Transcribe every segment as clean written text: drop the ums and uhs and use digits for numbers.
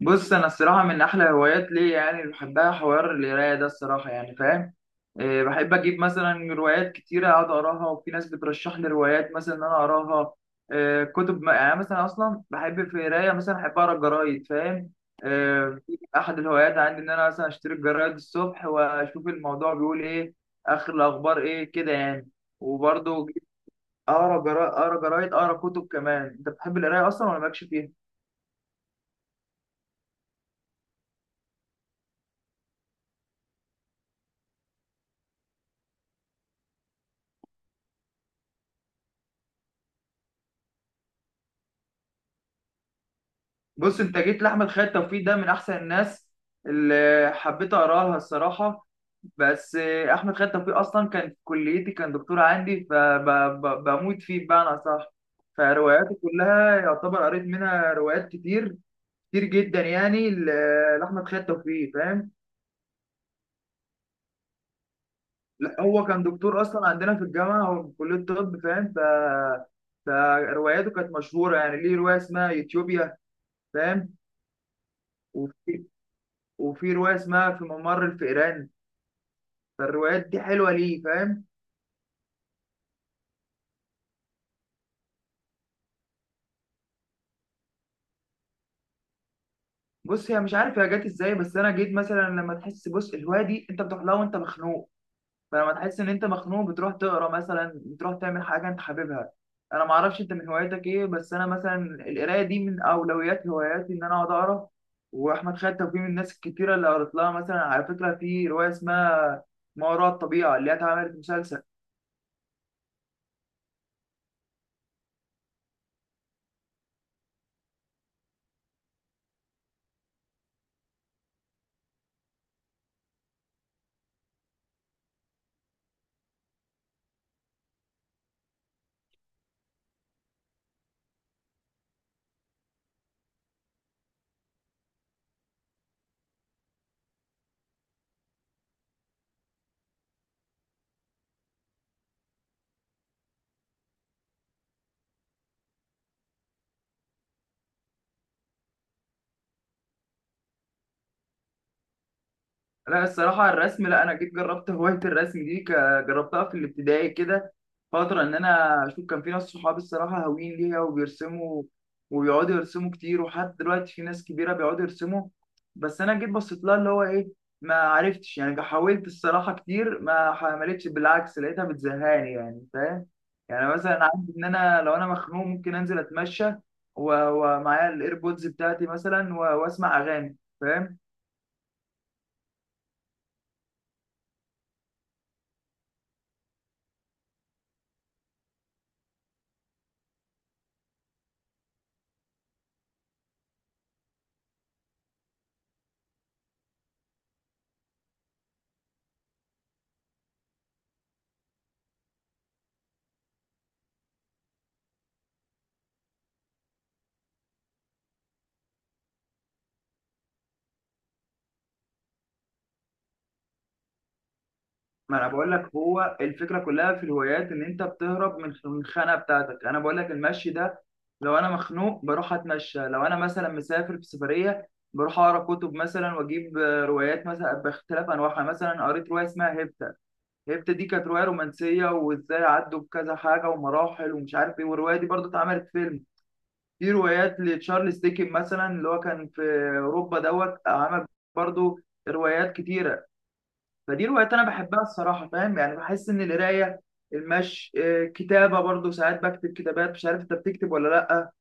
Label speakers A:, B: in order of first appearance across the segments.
A: بص، انا الصراحه من احلى هوايات ليا يعني اللي بحبها حوار القرايه ده الصراحه، يعني فاهم إيه. بحب اجيب مثلا روايات كتيره اقعد اقراها، وفي ناس بترشح لي روايات مثلا ان انا اقراها إيه. كتب يعني مثلا اصلا بحب في قرايه، مثلا احب اقرا الجرايد فاهم إيه. في احد الهوايات عندي ان انا مثلا اشتري الجرايد الصبح واشوف الموضوع بيقول ايه، اخر الاخبار ايه كده يعني. وبرضه اقرا جرايد، اقرا كتب. كمان انت بتحب القرايه اصلا ولا مالكش فيها؟ بص، انت جيت لاحمد خالد توفيق، ده من احسن الناس اللي حبيت اقرا لها الصراحه. بس احمد خالد توفيق اصلا كان في كليتي، كان دكتور عندي، فبموت فيه بمعنى صح. فرواياته كلها يعتبر قريت منها روايات كتير، كتير جدا يعني، لاحمد خالد توفيق فاهم. لا، هو كان دكتور اصلا عندنا في الجامعه، هو في كليه الطب فاهم. فرواياته كانت مشهوره، يعني ليه روايه اسمها يوتيوبيا فاهم. وفي وفي روايه اسمها في ممر الفئران. فالروايات دي حلوه ليه فاهم. بص، هي مش عارف هي جت ازاي، بس انا جيت مثلا لما تحس، بص الهوايه دي انت بتروح لها وانت مخنوق. فلما تحس ان انت مخنوق بتروح تقرا مثلا، بتروح تعمل حاجه انت حاببها. انا ما اعرفش انت من هواياتك ايه، بس انا مثلا القرايه دي من اولويات هواياتي، ان انا اقعد اقرا. واحمد خالد توفيق من الناس الكتيره اللي قريت لها، مثلا على فكره في روايه اسمها ما وراء الطبيعه اللي هي اتعملت مسلسل. لا الصراحة الرسم، لا، أنا جيت جربت هواية الرسم دي، جربتها في الابتدائي كده فترة، إن أنا أشوف كان في ناس صحابي الصراحة هاويين ليها وبيرسموا، وبيقعدوا يرسموا كتير، وحتى دلوقتي في ناس كبيرة بيقعدوا يرسموا. بس أنا جيت بصيت لها، اللي هو إيه، ما عرفتش يعني. حاولت الصراحة كتير، ما حملتش، بالعكس لقيتها بتزهقني يعني فاهم. يعني مثلا عندي إن أنا لو أنا مخنوق ممكن أنزل أتمشى، ومعايا الإيربودز بتاعتي مثلا، وأسمع أغاني فاهم. ما انا بقول لك، هو الفكره كلها في الهوايات ان انت بتهرب من الخنقه بتاعتك. انا بقول لك المشي ده، لو انا مخنوق بروح اتمشى، لو انا مثلا مسافر في سفريه بروح اقرا كتب مثلا، واجيب روايات مثلا باختلاف انواعها. مثلا قريت روايه اسمها هيبتا، هيبتا دي كانت روايه رومانسيه، وازاي عدوا بكذا حاجه ومراحل ومش عارف ايه، والروايه دي برضو اتعملت فيلم. في روايات لتشارلز ديكن مثلا، اللي هو كان في اوروبا دوت عمل برضو روايات كتيره. فدي روايات انا بحبها الصراحه فاهم. يعني بحس ان القرايه، المشي، كتابه برضو ساعات بكتب كتابات، مش عارف انت بتكتب ولا لا.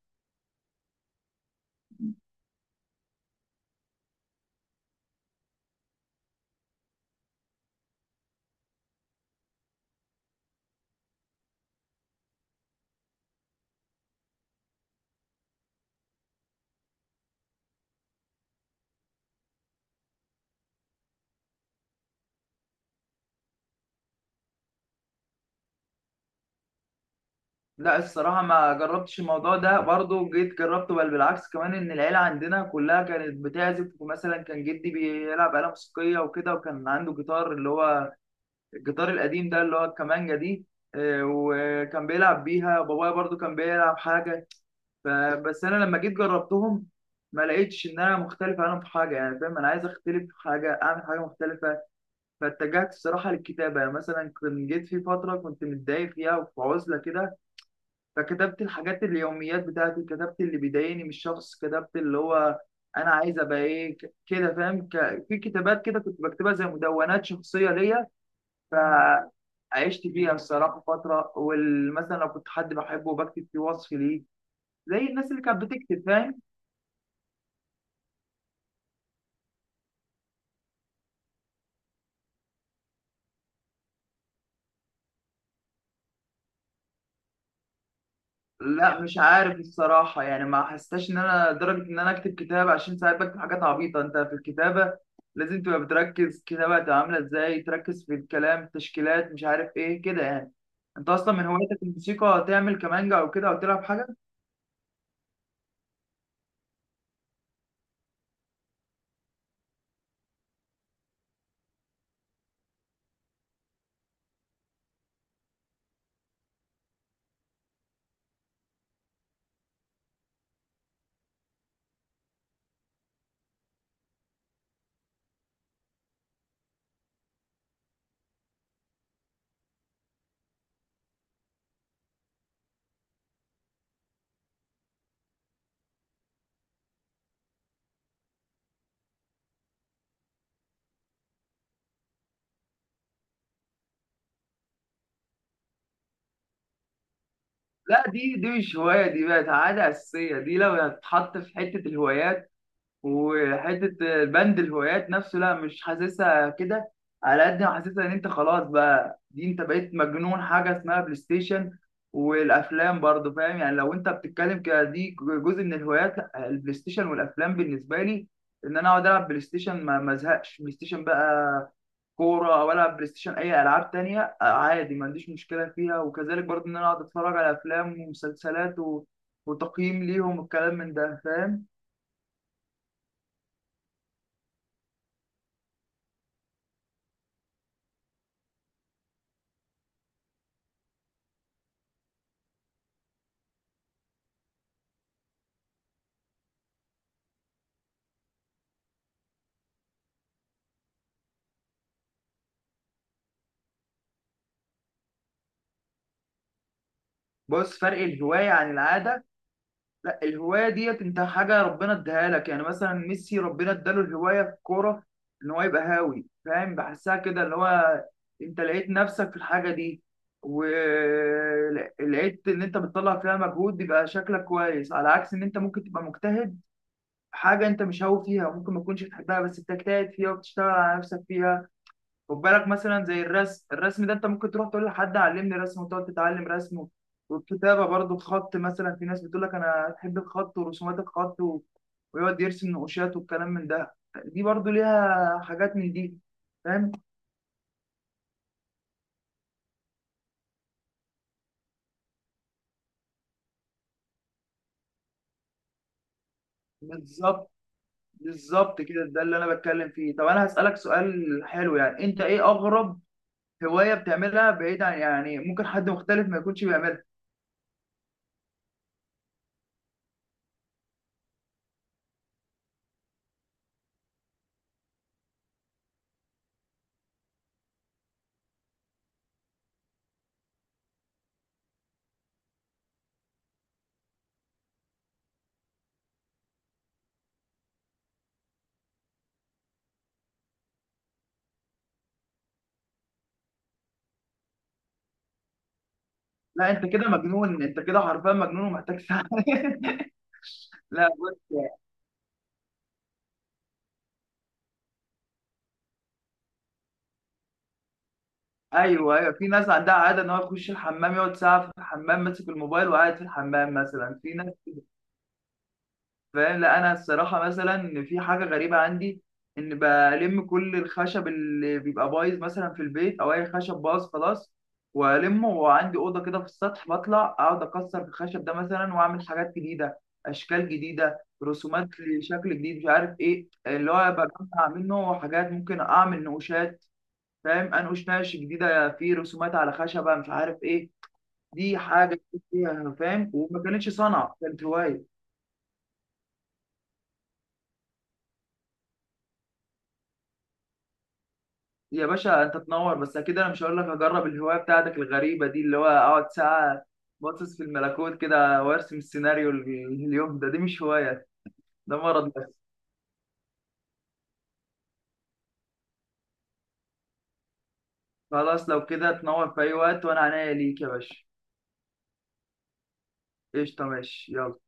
A: لا الصراحه ما جربتش الموضوع ده برضو، جيت جربته، بل بالعكس كمان ان العيله عندنا كلها كانت بتعزف، ومثلا كان جدي بيلعب آلة موسيقيه وكده، وكان عنده جيتار اللي هو الجيتار القديم ده، اللي هو الكمانجه دي. وكان بيلعب بيها بابايا، برضو كان بيلعب حاجه. فبس انا لما جيت جربتهم ما لقيتش ان انا مختلف عنهم في حاجه يعني فاهم. انا عايز اختلف في حاجه، اعمل حاجه مختلفه. فاتجهت الصراحه للكتابه. يعني مثلا كنت جيت في فتره كنت متضايق فيها وفي عزله كده، فكتبت الحاجات اليوميات بتاعتي، كتبت اللي بيضايقني من الشخص، كتبت اللي هو انا عايز ابقى ايه كده فاهم. في كتابات كده كنت بكتبها زي مدونات شخصيه ليا، ف عشت فيها الصراحه فتره. ومثلا لو كنت حد بحبه بكتب فيه وصف ليه، زي الناس اللي كانت بتكتب فاهم. لا مش عارف الصراحة، يعني ما حسيتش إن أنا درجة إن أنا أكتب كتاب، عشان ساعات بكتب حاجات عبيطة. أنت في الكتابة لازم تبقى بتركز، كتابة هتبقى عاملة إزاي، تركز في الكلام، تشكيلات، مش عارف إيه كده يعني. أنت أصلا من هوايتك الموسيقى، تعمل كمانجا أو كده أو تلعب حاجة؟ لا دي مش هواية، دي بقت عادة أساسية. دي لو هتتحط في حتة الهوايات وحته بند الهوايات نفسه، لا مش حاسسها كده، على قد ما حاسسها ان انت خلاص بقى، دي انت بقيت مجنون حاجه اسمها بلاي ستيشن، والافلام برضه فاهم. يعني لو انت بتتكلم كده دي جزء من الهوايات، لا، البلاي ستيشن والافلام بالنسبه لي ان انا اقعد العب بلاي ستيشن، ما ازهقش بلاي ستيشن بقى، كوره او العب بلاي ستيشن، اي العاب تانية عادي ما عنديش مشكله فيها. وكذلك برضه ان انا اقعد اتفرج على افلام ومسلسلات وتقييم ليهم، والكلام من ده فاهم. بص، فرق الهواية عن العادة، لا الهواية ديت انت حاجة ربنا اداها لك. يعني مثلا ميسي ربنا اداله الهواية في الكورة، ان هو يبقى هاوي فاهم. بحسها كده، اللي هو انت لقيت نفسك في الحاجة دي، ولقيت ان انت بتطلع فيها مجهود يبقى شكلك كويس، على عكس ان انت ممكن تبقى مجتهد في حاجة انت مش هاوي فيها، ممكن ما تكونش بتحبها بس بتجتهد فيها وبتشتغل على نفسك فيها. خد بالك مثلا زي الرسم، الرسم ده انت ممكن تروح تقول لحد علمني رسم وتقعد تتعلم رسم والكتابه برضو، الخط مثلا في ناس بتقول لك انا احب الخط ورسومات الخط ويقعد يرسم نقوشات والكلام من ده. دي برضو ليها حاجات من دي فاهم. بالظبط، بالظبط كده، ده اللي انا بتكلم فيه. طب انا هسألك سؤال حلو، يعني انت ايه اغرب هواية بتعملها بعيد عن، يعني ممكن حد مختلف ما يكونش بيعملها؟ لا انت كده مجنون، انت كده حرفيا مجنون ومحتاج ساعة. لا بص، ايوه ايوه، في ناس عندها عاده ان هو يخش الحمام يقعد ساعه في الحمام ماسك الموبايل وقاعد في الحمام مثلا، في ناس فاهم. لا انا الصراحه مثلا إن في حاجه غريبه عندي، ان بلم كل الخشب اللي بيبقى بايظ مثلا في البيت، او اي خشب باظ خلاص والمه، وعندي اوضه كده في السطح بطلع اقعد اكسر في الخشب ده مثلا واعمل حاجات جديده، اشكال جديده، رسومات لشكل جديد مش عارف ايه، اللي هو بجمع منه حاجات ممكن اعمل نقوشات فاهم. انقش نقش جديده في رسومات على خشبه مش عارف ايه، دي حاجه جديدة فيها فاهم، وما كانتش صنعه كانت هوايه. يا باشا انت تنور، بس اكيد انا مش هقول لك هجرب الهوايه بتاعتك الغريبه دي، اللي هو اقعد ساعه باصص في الملكوت كده وارسم السيناريو اليوم ده، دي مش هوايه، ده مرض بس. خلاص لو كده تنور في اي وقت، وانا عنيا ليك يا باشا. قشطه، ماشي، يلا.